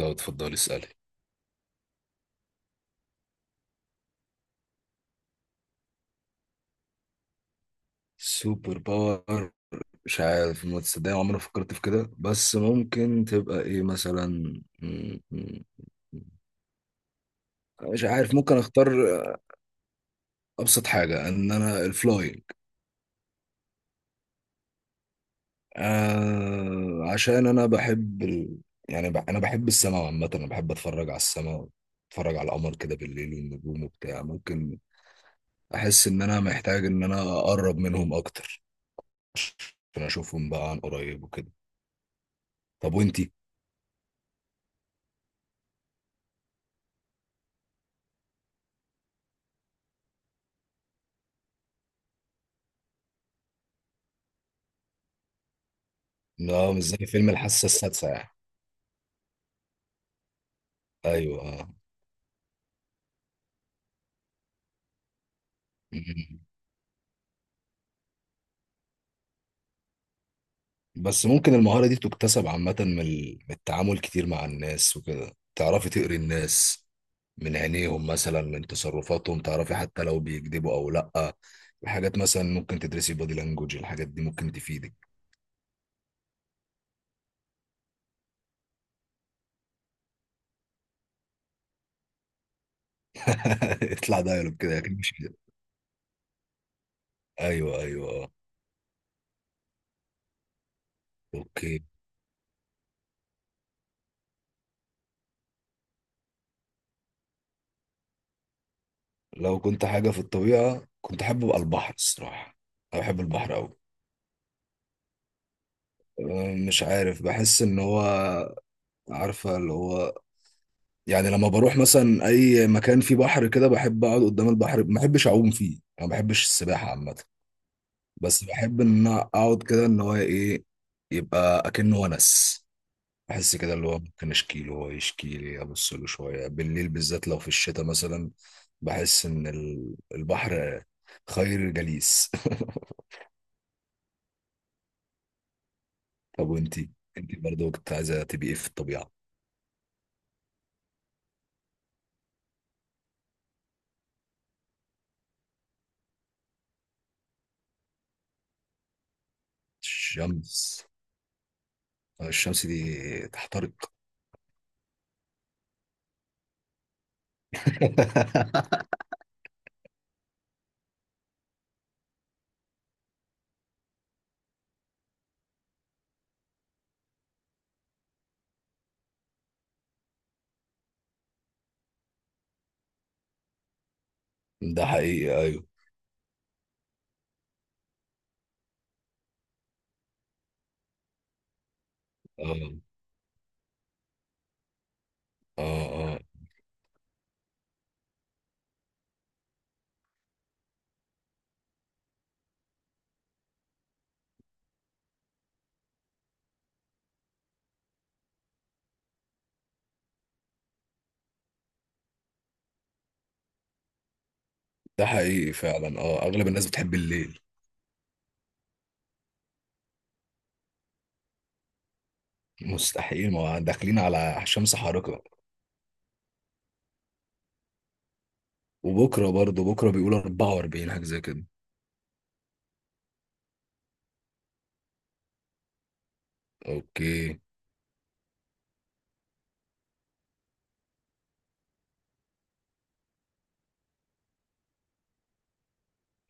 لو اتفضل اسألي. سوبر باور. مش عارف، ما تصدقني عمري ما فكرت في كده، بس ممكن تبقى ايه مثلا؟ م- م- مش عارف، ممكن اختار ابسط حاجة ان انا الفلاينج. آه، عشان انا بحب انا بحب السماء عامة، انا بحب اتفرج على السماء، اتفرج على القمر كده بالليل والنجوم وبتاع. ممكن احس ان انا محتاج ان انا اقرب منهم اكتر عشان اشوفهم بقى عن قريب وكده. طب وانتي؟ لا، مش زي فيلم الحاسة السادسة يعني. ايوه، آه. مم. بس ممكن المهارة دي تكتسب عامة من من التعامل كتير مع الناس وكده تعرفي تقري الناس من عينيهم مثلا، من تصرفاتهم تعرفي حتى لو بيكذبوا او لا. الحاجات مثلا ممكن تدرسي بودي لانجوج، الحاجات دي ممكن تفيدك. اطلع دايلوج كده، اكيد مش كده. ايوه ايوه، آه. اوكي. لو كنت حاجة في الطبيعة كنت احب ابقى البحر الصراحة. انا بحب البحر قوي. مش عارف، بحس ان هو، عارفة اللي هو، يعني لما بروح مثلا اي مكان فيه بحر كده بحب اقعد قدام البحر، ما بحبش اعوم فيه، انا ما بحبش السباحه عامه. بس بحب ان انا اقعد كده، ان هو ايه، يبقى اكنه ونس. احس كده اللي هو ممكن اشكي له هو يشكي لي، ابص له شويه بالليل بالذات لو في الشتاء مثلا. بحس ان البحر خير جليس. طب وانتي، انتي برضه كنت عايزه تبقي ايه في الطبيعه؟ الشمس؟ الشمس دي تحترق. ده حقيقي، ايوه. اه، اه، اه. ده حقيقي فعلا، اه اغلب الناس بتحب الليل. مستحيل، ما داخلين على شمس حارقة. وبكرة برضه بكرة بيقولوا 44 حاجة زي كده. اوكي.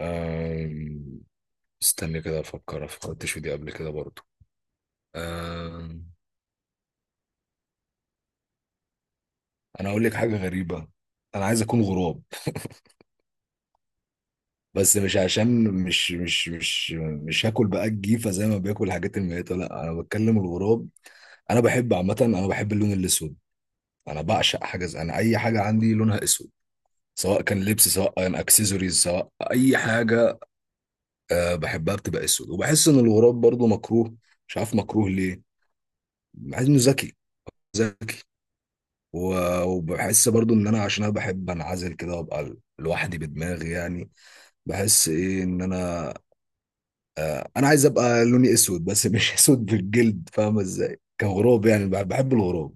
أم... استني كده افكر، فكرتش في دي قبل كده برضه. أم... انا هقول لك حاجة غريبة. انا عايز اكون غراب. بس مش عشان مش هاكل بقى الجيفة زي ما بياكل الحاجات الميتة، لا انا بتكلم الغراب. انا بحب عامة، انا بحب اللون الاسود. انا بعشق حاجة زي انا، اي حاجة عندي لونها اسود، سواء كان لبس سواء كان اكسسوارز سواء اي حاجه. أه، بحبها بتبقى اسود، وبحس ان الغراب برضو مكروه، مش عارف مكروه ليه. بحس انه ذكي، ذكي. و- وبحس برضو ان انا، عشان انا بحب انعزل كده وابقى لوحدي بدماغي يعني. بحس ايه، ان انا انا عايز ابقى لوني اسود، بس مش اسود بالجلد، فاهمه ازاي، كغراب يعني. بحب الغراب.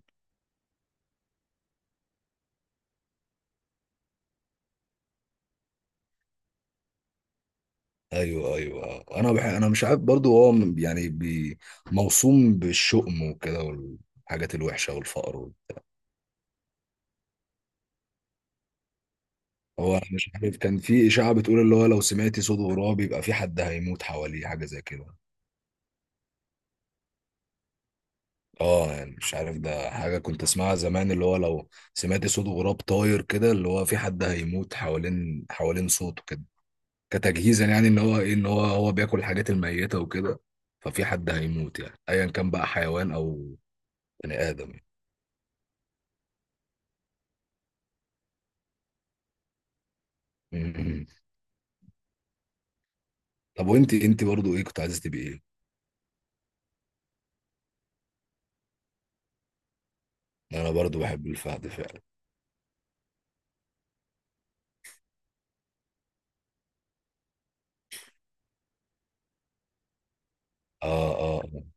ايوه ايوه، انا انا مش عارف برضو هو يعني موصوم بالشؤم وكده، والحاجات الوحشه والفقر. هو أنا مش عارف، كان في اشاعه بتقول اللي هو لو سمعتي صوت غراب يبقى في حد هيموت حواليه، حاجه زي كده. اه يعني مش عارف، ده حاجه كنت اسمعها زمان، اللي هو لو سمعتي صوت غراب طاير كده، اللي هو في حد هيموت حوالين صوته كده. كتجهيزا يعني، ان هو ايه، ان هو هو بياكل الحاجات الميته وكده، ففي حد هيموت، يعني ايا كان بقى حيوان او بني ادم يعني. مم. طب وانت، انت برضو ايه كنت عايزه تبقي ايه؟ انا برضو بحب الفهد فعلا. اه اه، آه.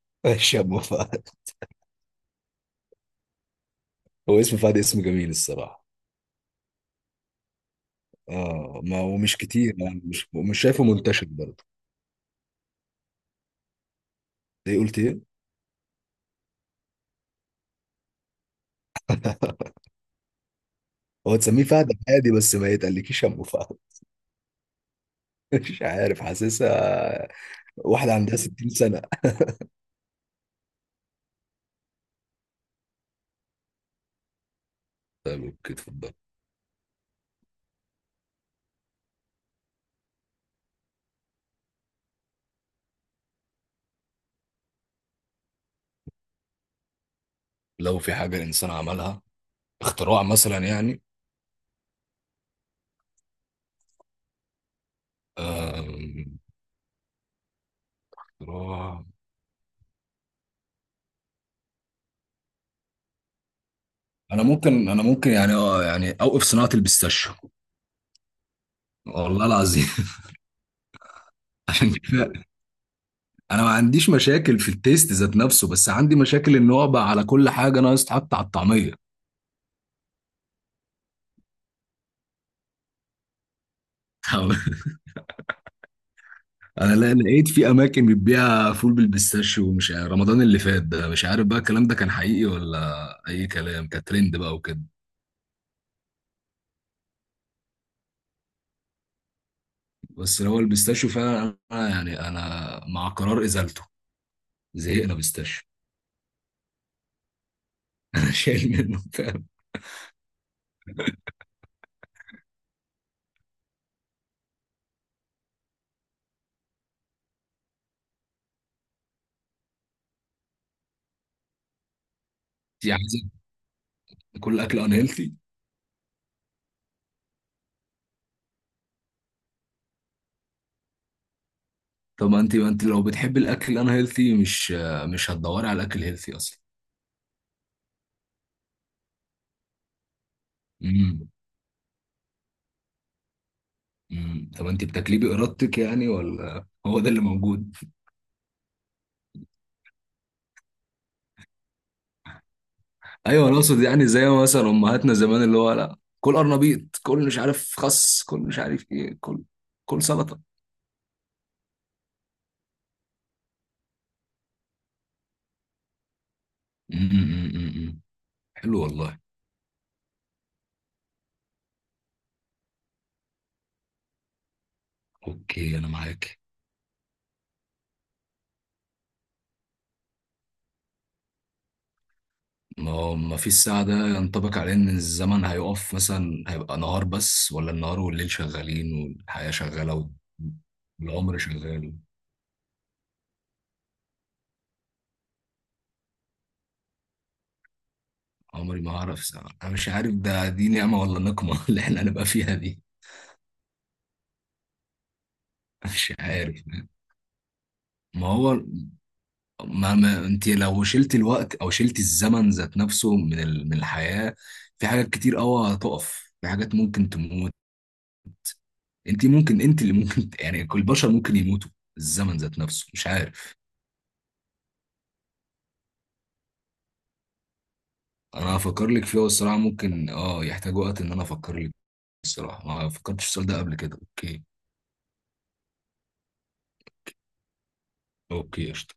ماشي يا ابو فهد. هو اسم فهد اسم جميل الصراحه. اه ما هو مش كتير يعني، مش مش شايفه منتشر برضه. ايه، قلت ايه؟ هو تسميه فهد عادي، بس ما يتقلكيش ابو فهد. مش عارف، حاسسها واحده عندها 60 سنه. طيب اوكي، اتفضل. لو في حاجه الانسان عملها، اختراع مثلا يعني؟ أم، اختراع. انا ممكن يعني، اه يعني اوقف صناعه البيستاشيو. والله العظيم. عشان كده، انا ما عنديش مشاكل في التيست ذات نفسه، بس عندي مشاكل ان هو بقى على كل حاجه، ناقص تحط على الطعميه. انا لا، لقيت في اماكن بتبيع فول بالبيستاشيو، ومش عارف رمضان اللي فات ده، مش عارف بقى الكلام ده كان حقيقي ولا اي كلام، كان ترند بقى وكده. بس هو البيستاشيو فعلا، انا يعني انا مع قرار ازالته. زهقنا بيستاشيو. انا شايل منه فعلا. انت عايزه كل اكل ان هيلثي؟ طب ما انت لو بتحب الاكل ان هيلثي، مش مش هتدوري على الاكل هيلثي اصلا. امم أمم. طب انت بتاكليه بارادتك يعني ولا هو ده اللي موجود؟ ايوه، انا اقصد يعني زي ما مثلا امهاتنا زمان، اللي هو لا كل قرنبيط، كل مش عارف خس، كل مش عارف ايه، كل كل سلطه. أمم. حلو والله. اوكي انا معاك. ما هو، ما فيش ساعة ده ينطبق عليه ان الزمن هيقف مثلا، هيبقى نهار بس، ولا النهار والليل شغالين والحياة شغالة والعمر شغال؟ عمري ما هعرف ساعة، انا مش عارف ده دي نعمة ولا نقمة اللي احنا هنبقى فيها دي. مش عارف. ما هو، ما ما انت لو شلت الوقت او شلت الزمن ذات نفسه من من الحياة، في حاجات كتير قوي هتقف، في حاجات ممكن تموت. انت ممكن، انت اللي ممكن يعني كل البشر ممكن يموتوا. الزمن ذات نفسه مش عارف. انا هفكر لك فيها الصراحة، ممكن اه يحتاج وقت ان انا افكر لك. الصراحة ما فكرتش في السؤال ده قبل كده. اوكي. اوكي قشطة.